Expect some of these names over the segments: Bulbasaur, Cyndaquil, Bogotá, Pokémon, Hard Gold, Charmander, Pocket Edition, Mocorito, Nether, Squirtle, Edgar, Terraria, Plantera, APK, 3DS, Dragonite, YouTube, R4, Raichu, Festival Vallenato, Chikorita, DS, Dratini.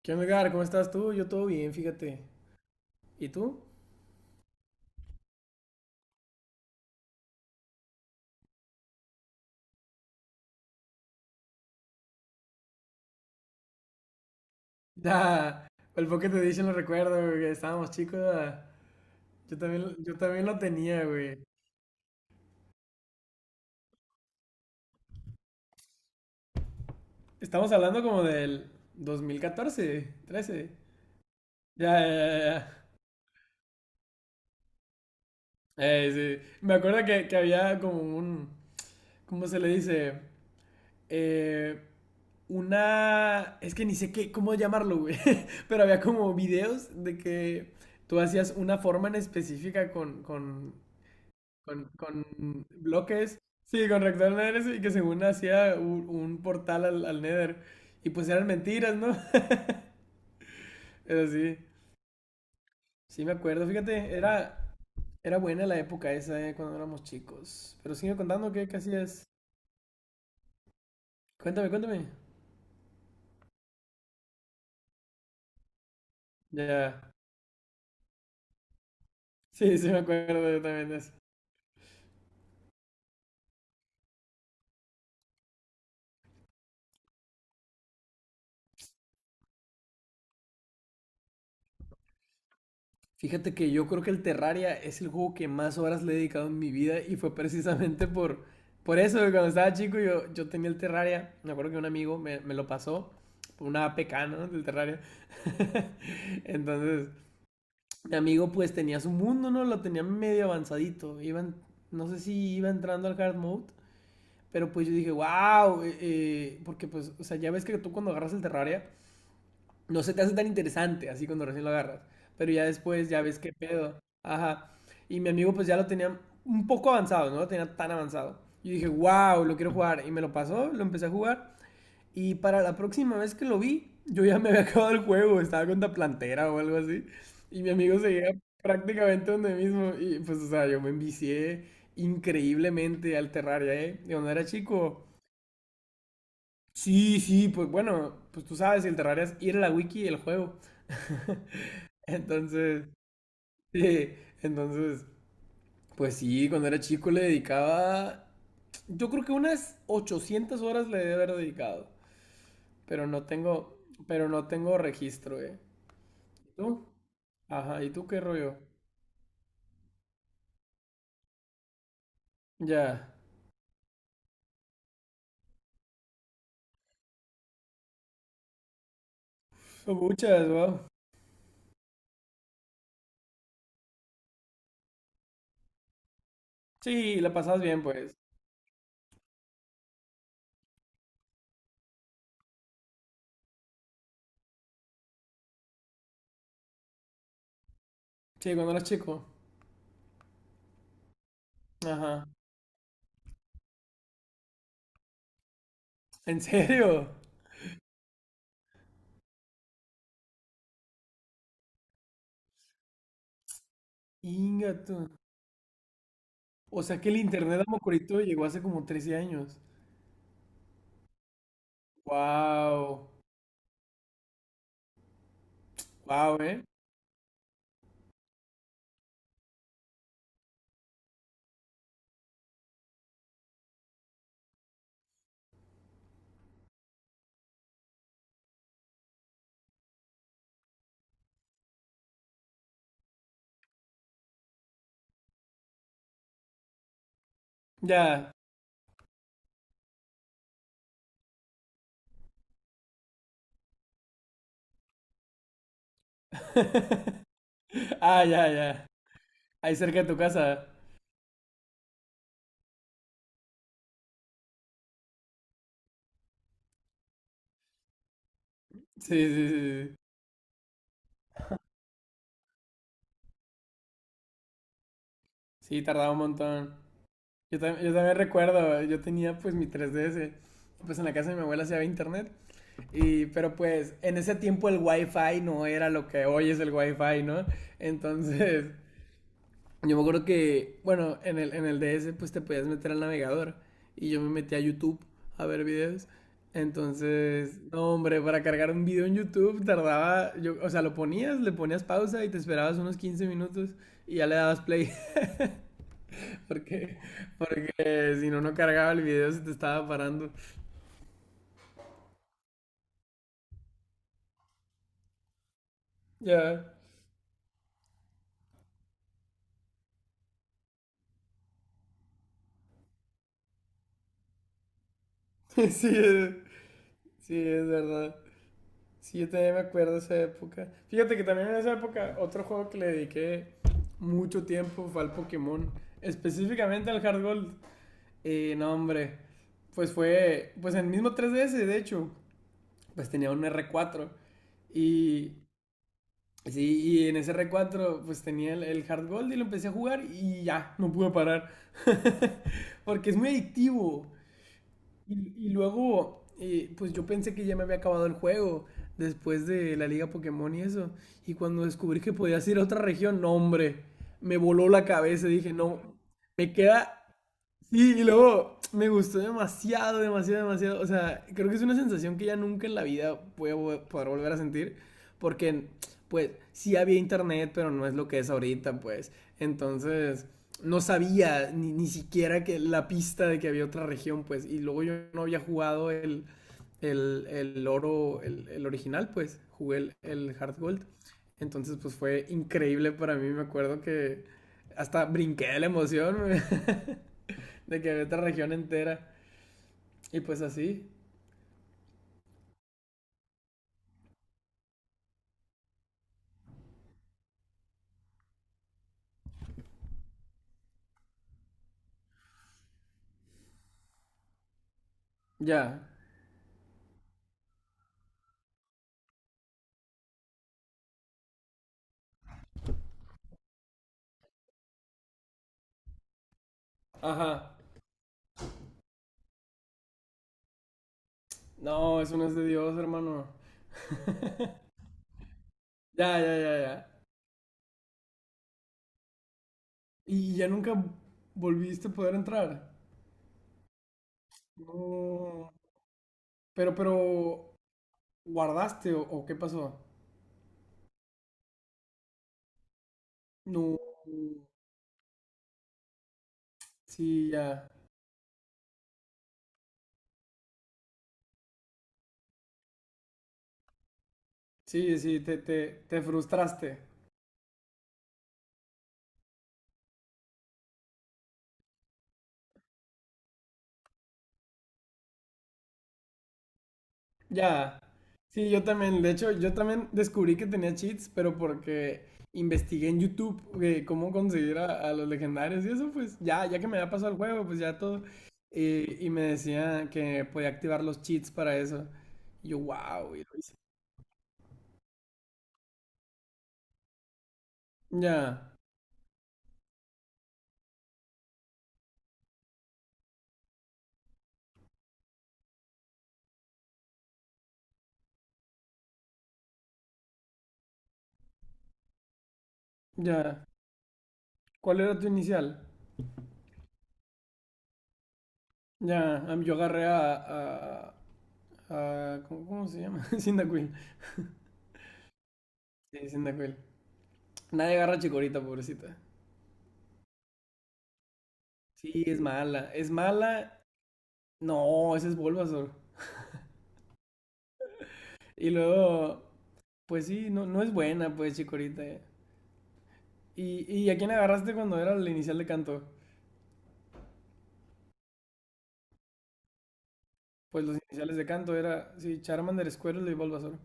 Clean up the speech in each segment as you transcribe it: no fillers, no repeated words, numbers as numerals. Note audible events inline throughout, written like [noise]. ¿Qué onda, Edgar? ¿Cómo estás tú? Yo todo bien, fíjate. ¿Y tú? [laughs] Ya, el Pocket Edition lo recuerdo, güey, que estábamos chicos. Yo también lo tenía, güey. Estamos hablando como del 2014, 13. Ya, ya, ya, ya. Sí. Me acuerdo que había como un, ¿cómo se le dice? Eh, una, es que ni sé qué, cómo llamarlo, güey. [laughs] Pero había como videos de que tú hacías una forma en específica con con bloques. Sí, con rector nether y que según hacía un portal al Nether. Y pues eran mentiras, ¿no? [laughs] Pero sí, sí me acuerdo. Fíjate, era buena la época esa, cuando éramos chicos. Pero sigue contando qué hacías. Cuéntame, cuéntame. Ya. Sí, sí me acuerdo yo también de Fíjate que yo creo que el Terraria es el juego que más horas le he dedicado en mi vida y fue precisamente por eso, que cuando estaba chico yo tenía el Terraria, me acuerdo que un amigo me lo pasó, por una APK, ¿no? Del Terraria. [laughs] Entonces, mi amigo pues tenía su mundo, ¿no? Lo tenía medio avanzadito, iban, no sé si iba entrando al hard mode, pero pues yo dije, wow, porque pues, o sea, ya ves que tú cuando agarras el Terraria no se te hace tan interesante así cuando recién lo agarras, pero ya después ya ves qué pedo. Ajá. Y mi amigo pues ya lo tenía un poco avanzado, no lo tenía tan avanzado. Y dije, wow, lo quiero jugar. Y me lo pasó, lo empecé a jugar. Y para la próxima vez que lo vi, yo ya me había [laughs] acabado el juego, estaba con la plantera o algo así. Y mi amigo seguía prácticamente donde mismo. Y pues, o sea, yo me envicié increíblemente al Terraria, ¿eh? De cuando era chico. Sí, sí, pues bueno, pues tú sabes, el Terraria es ir a la wiki del juego. [laughs] Entonces, [laughs] sí, entonces, pues sí, cuando era chico le dedicaba, yo creo que unas 800 horas le debe haber dedicado, pero no tengo, pero no tengo registro, ¿eh? ¿Tú? Ajá, ¿y tú qué rollo? Ya, [laughs] son muchas, wow. Sí, la pasabas bien, pues. Sí, cuando eras chico. Ajá. ¿En serio? Inga tú. O sea que el internet a Mocorito llegó hace como 13 años. Wow. Wow, ¿eh? Ya. [laughs] Ya, ya. Ahí cerca de tu casa. Sí, sí, sí. Sí, tardaba un montón. Yo, yo también recuerdo, yo tenía pues mi 3DS. Pues en la casa de mi abuela se había internet. Y, pero pues en ese tiempo el wifi no era lo que hoy es el wifi, ¿no? Entonces, yo me acuerdo que, bueno, en el DS pues te podías meter al navegador y yo me metí a YouTube a ver videos. Entonces, no, hombre, para cargar un video en YouTube tardaba, yo, o sea, lo ponías, le ponías pausa y te esperabas unos 15 minutos y ya le dabas play [laughs] porque, porque si no, no cargaba el video, se te estaba parando. Ya, [laughs] sí, es- sí, es verdad. Sí, yo también me acuerdo de esa época. Fíjate que también en esa época otro juego que le dediqué mucho tiempo fue al Pokémon. Específicamente al Hard Gold. No, hombre. Pues fue, pues en el mismo 3DS, de hecho, pues tenía un R4. Y, sí, y en ese R4 pues tenía el Hard Gold y lo empecé a jugar y ya, no pude parar. [laughs] Porque es muy adictivo. Y luego, pues yo pensé que ya me había acabado el juego después de la liga Pokémon y eso. Y cuando descubrí que podías ir a otra región, no, hombre, me voló la cabeza. Dije, no, me queda. Sí, y luego me gustó demasiado, demasiado, demasiado. O sea, creo que es una sensación que ya nunca en la vida voy a poder volver a sentir. Porque, pues, sí había internet, pero no es lo que es ahorita, pues. Entonces, no sabía ni siquiera que la pista de que había otra región, pues. Y luego yo no había jugado el oro, el original, pues. Jugué el Hard Gold. Entonces, pues fue increíble para mí. Me acuerdo que hasta brinqué de la emoción. [laughs] De que había otra región entera. Y pues así. Ya. Ajá. No, eso no es de Dios, hermano. Ya, ya, ya, ya. Y ya nunca volviste a poder entrar. No. Pero, pero. ¿Guardaste o qué pasó? No. Sí, ya. Sí, te frustraste. Ya. Sí, yo también. De hecho, yo también descubrí que tenía cheats, pero porque investigué en YouTube cómo conseguir a los legendarios y eso, pues ya, ya que me había pasado el juego, pues ya todo. Eh, y me decía que podía activar los cheats para eso. Y yo, wow, y lo hice. Ya, ya. ¿Cuál era tu inicial? Ya, a mí yo agarré a ¿cómo, cómo se llama? [laughs] Cyndaquil. Sí, Cyndaquil. Nadie agarra a Chikorita, pobrecita. Sí, es mala. Es mala. No, ese es Bulbasaur. Y luego, pues sí, no, no es buena, pues, Chikorita. Y a quién agarraste cuando era la inicial de canto? Pues los iniciales de canto era, sí, Charmander, Squirtle y Bulbasaur.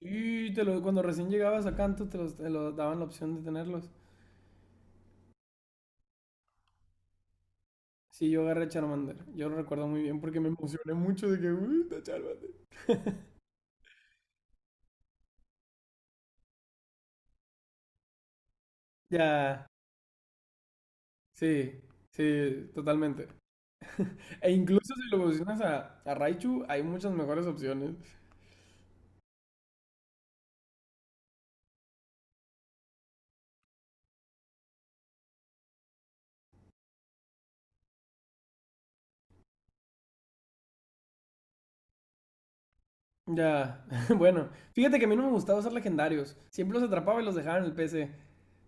Sí, te lo, cuando recién llegabas a canto te, los, te lo daban la opción de tenerlos. Sí, yo agarré Charmander. Yo lo recuerdo muy bien porque me emocioné mucho de que, uy, está Charmander. [laughs] Ya, sí, sí, totalmente. E incluso si lo evolucionas a Raichu, hay muchas mejores opciones. Ya, [laughs] bueno, fíjate que a mí no me gustaba usar legendarios. Siempre los atrapaba y los dejaba en el PC.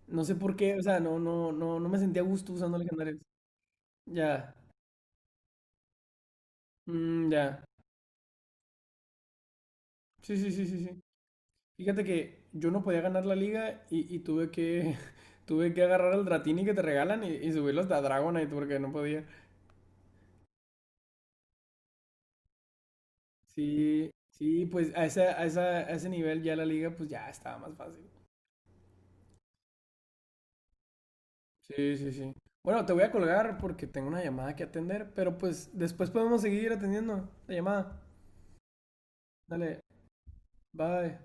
No sé por qué, o sea, no me sentía a gusto usando legendarios. Ya, mm, ya. Sí, sí, sí, sí, sí. Fíjate que yo no podía ganar la liga y tuve que, [laughs] tuve que agarrar al Dratini que te regalan y subirlo hasta Dragonite porque no podía. Sí, sí, pues a ese, a esa- a ese nivel ya la liga pues ya estaba más fácil. Sí, sí, sí. Bueno, te voy a colgar porque tengo una llamada que atender, pero pues después podemos seguir atendiendo la llamada. Dale, bye.